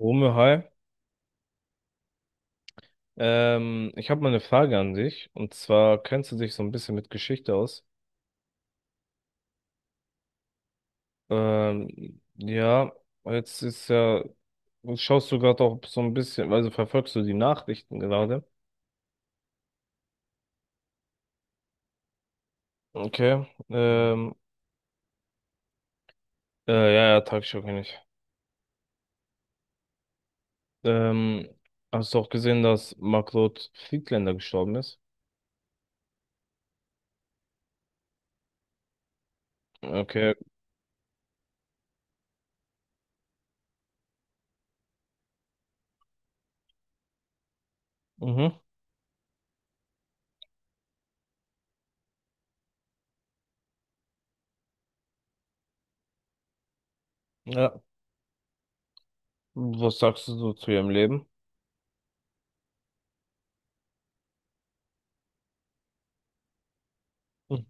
Rumme, hi. Ich habe mal eine Frage an dich. Und zwar kennst du dich so ein bisschen mit Geschichte aus? Ja, jetzt ist ja, schaust du gerade auch so ein bisschen, also verfolgst du die Nachrichten gerade? Okay. Ja, ja, Tagesschau kenn ich. Ähm, Hast du auch gesehen, dass Margot Friedländer gestorben ist? Okay. Mhm. Ja. Was sagst du so zu ihrem Leben? Hm,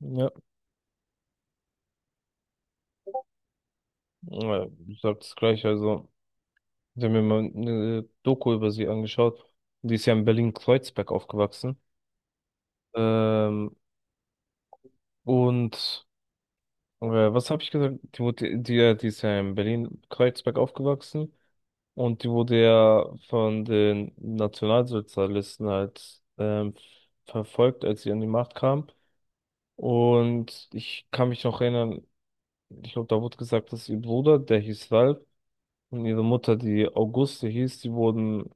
ja. Ja, du sagst gleich, also. Ich habe mir mal eine Doku über sie angeschaut. Die ist ja in Berlin-Kreuzberg aufgewachsen. Ähm, und äh, Was habe ich gesagt? Die ist ja in Berlin-Kreuzberg aufgewachsen und die wurde ja von den Nationalsozialisten halt verfolgt, als sie an die Macht kam. Und ich kann mich noch erinnern, ich glaube, da wurde gesagt, dass ihr Bruder, der hieß Ralf, und ihre Mutter, die Auguste hieß, die wurden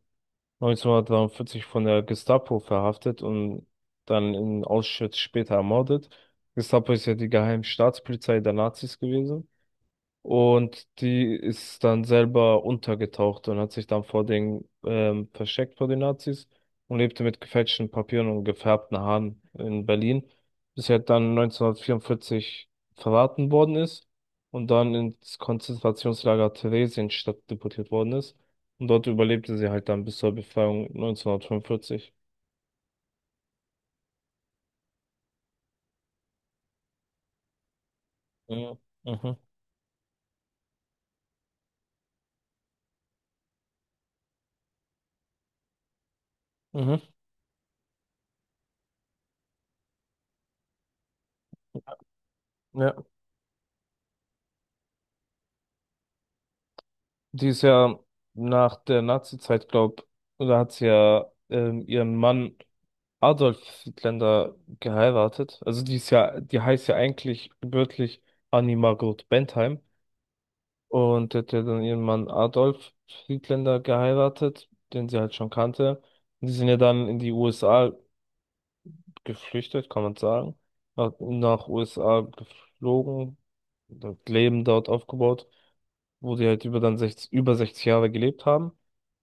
1943 von der Gestapo verhaftet und dann in Auschwitz später ermordet. Gestapo ist ja die geheime Staatspolizei der Nazis gewesen. Und die ist dann selber untergetaucht und hat sich dann vor den versteckt vor den Nazis und lebte mit gefälschten Papieren und gefärbten Haaren in Berlin, bis sie halt dann 1944 verraten worden ist und dann ins Konzentrationslager Theresienstadt deportiert worden ist. Und dort überlebte sie halt dann bis zur Befreiung 1945. Ja, mhm. Mhm. Ja. Die ist ja nach der Nazizeit, glaub, oder hat sie ja ihren Mann Adolf Hitler geheiratet. Also die ist ja, die heißt ja eigentlich gebürtig Annie Margot Bentheim und hat ja dann ihren Mann Adolf Hitler geheiratet, den sie halt schon kannte. Und die sind ja dann in die USA geflüchtet, kann man sagen. Nach USA geflogen, dort Leben dort aufgebaut, wo die halt über dann 60, über 60 Jahre gelebt haben.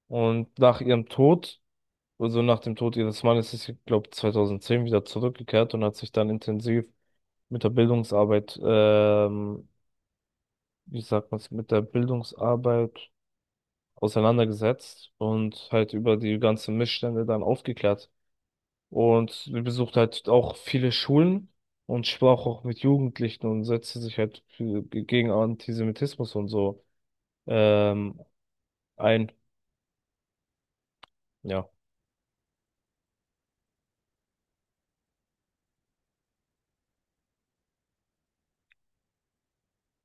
Und nach ihrem Tod so nach dem Tod ihres Mannes ist sie, glaube 2010 wieder zurückgekehrt und hat sich dann intensiv mit der wie sagt man es, mit der Bildungsarbeit auseinandergesetzt und halt über die ganzen Missstände dann aufgeklärt. Und sie besucht halt auch viele Schulen und sprach auch mit Jugendlichen und setzte sich halt für, gegen Antisemitismus und so ähm, ein. Ja.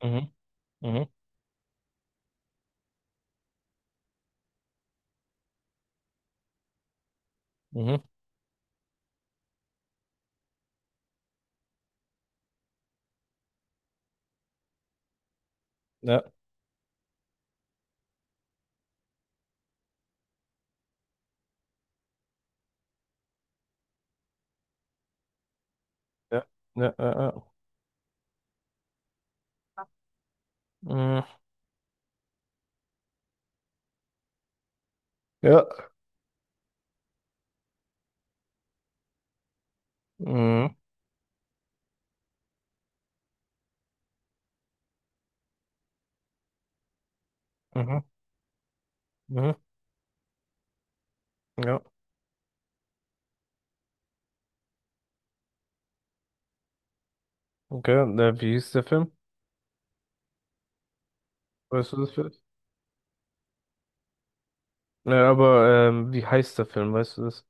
Mhm. Mhm. Mhm. Ja. Ja. Ja. Ja. Ja. Ja. Mhm. Ja. Mhm, mhm, mhm, ja, okay. Und, äh, wie hieß der Film? Weißt du das vielleicht? Ja, aber wie heißt der Film? Weißt du das?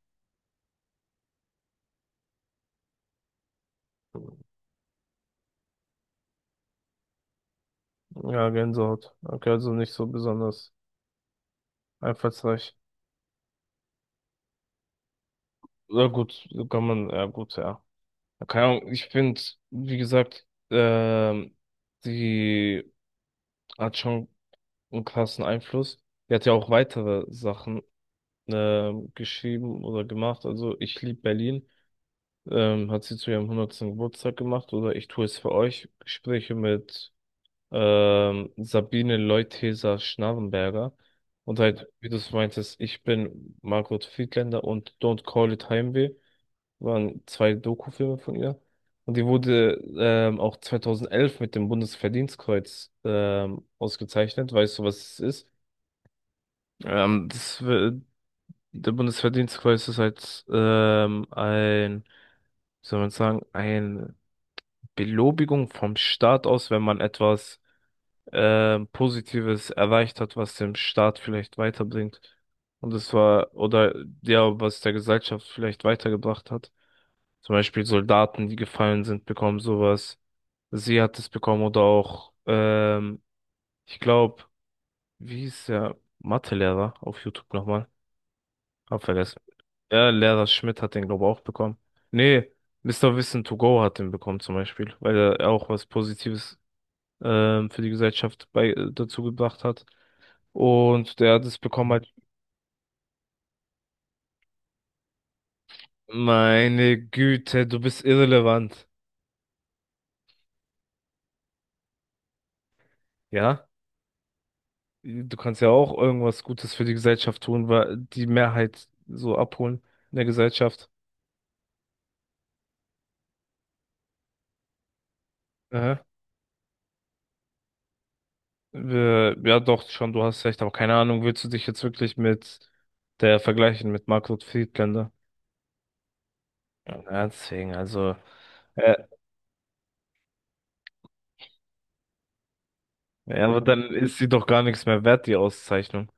Ja, Gänsehaut. Okay, also nicht so besonders einfallsreich. Ja, gut, kann man, ja, gut, ja. Keine Ahnung, ich finde, wie gesagt, die hat schon einen krassen Einfluss. Die hat ja auch weitere Sachen geschrieben oder gemacht. Also, ich liebe Berlin. Hat sie zu ihrem hundertsten Geburtstag gemacht oder ich tue es für euch. Gespräche mit Sabine Leutheser-Schnarrenberger. Und halt, wie du es meintest, ich bin Margot Friedländer und Don't Call It Heimweh waren zwei Dokufilme von ihr. Und die wurde auch 2011 mit dem Bundesverdienstkreuz ausgezeichnet. Weißt du, was es ist? Das, w- der Bundesverdienstkreuz ist halt ein, wie soll man sagen, ein Belobigung vom Staat aus, wenn man etwas Positives erreicht hat, was dem Staat vielleicht weiterbringt. Und das war, oder ja, was der Gesellschaft vielleicht weitergebracht hat. Zum Beispiel Soldaten, die gefallen sind, bekommen sowas. Sie hat es bekommen oder auch, ich glaube, wie hieß der Mathelehrer auf YouTube nochmal? Hab vergessen. Ja, Lehrer Schmidt hat den, glaube ich, auch bekommen. Nee, Mister Wissen to go hat den bekommen zum Beispiel, weil er auch was Positives für die Gesellschaft bei, dazu gebracht hat. Und der hat es bekommen halt, meine Güte, du bist irrelevant. Ja, du kannst ja auch irgendwas Gutes für die Gesellschaft tun, weil die Mehrheit so abholen in der Gesellschaft. Aha. Wir- Ja, doch, schon, du hast recht, aber keine Ahnung, willst du dich jetzt wirklich mit der vergleichen, mit Margot Friedländer? Ja, deswegen, also, äh, ja, aber dann ist sie doch gar nichts mehr wert, die Auszeichnung.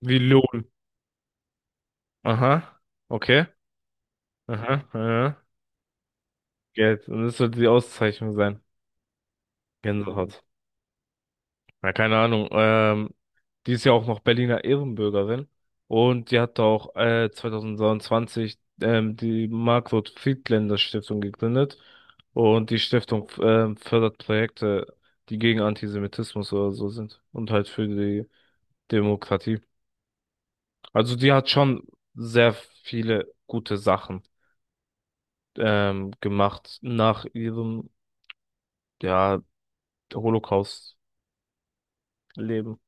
Wie lohn aha, okay. Aha, ja. Geld. Und das sollte die Auszeichnung sein. Gänsehaut. Na, keine Ahnung. Die ist ja auch noch Berliner Ehrenbürgerin. Und die hat auch 2023 die Margot-Friedländer-Stiftung gegründet. Und die Stiftung fördert Projekte, die gegen Antisemitismus oder so sind. Und halt für die Demokratie. Also die hat schon sehr viele gute Sachen gemacht nach ihrem, ja, Holocaust. Leben.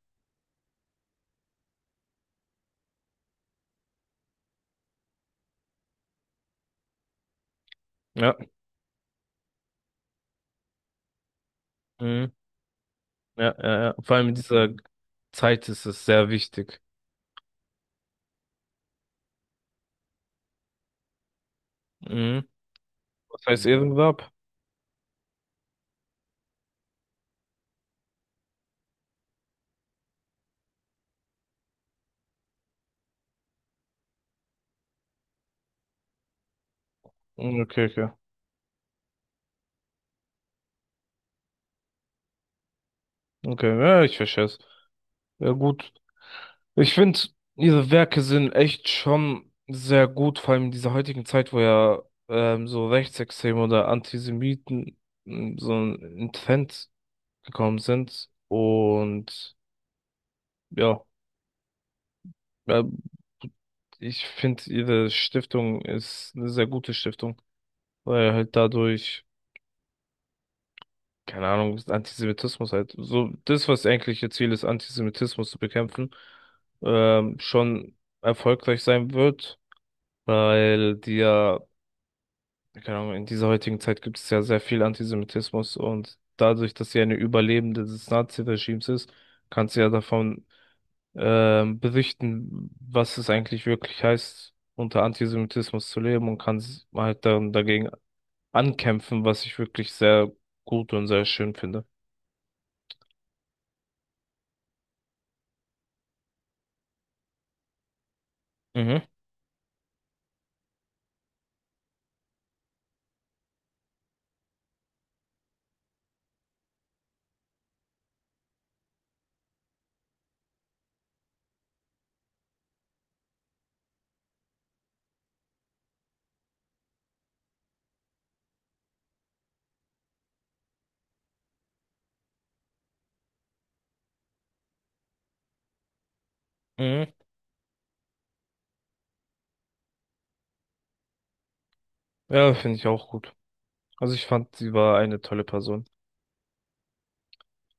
Ja. Mhm. Ja, ja, ja. Vor allem in dieser Zeit ist es sehr wichtig. Mhm. Was heißt Ehrengrab? Mhm, okay, okay. Okay, ja, ich verstehe es. Ja, gut. Ich finde, ihre Werke sind echt schon sehr gut, vor allem in dieser heutigen Zeit, wo ja so Rechtsextreme oder Antisemiten mm, so ein Trend gekommen sind. Und ja, ähm, ich finde, ihre Stiftung ist eine sehr gute Stiftung, weil halt dadurch. Keine Ahnung, ist Antisemitismus halt. So, das, was eigentlich ihr Ziel ist, Antisemitismus zu bekämpfen, schon erfolgreich sein wird, weil die ja, keine Ahnung, in dieser heutigen Zeit gibt es ja sehr viel Antisemitismus und dadurch, dass sie eine Überlebende des Nazi-Regimes ist, kann sie ja davon berichten, was es eigentlich wirklich heißt, unter Antisemitismus zu leben und kann s- halt dann dagegen ankämpfen, was ich wirklich sehr gut und sehr schön finde. Mhm. Mhm. Ja, finde ich auch gut. Also ich fand, sie war eine tolle Person.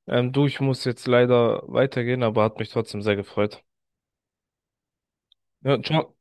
Du, ich muss jetzt leider weitergehen, aber hat mich trotzdem sehr gefreut. Ja, ciao.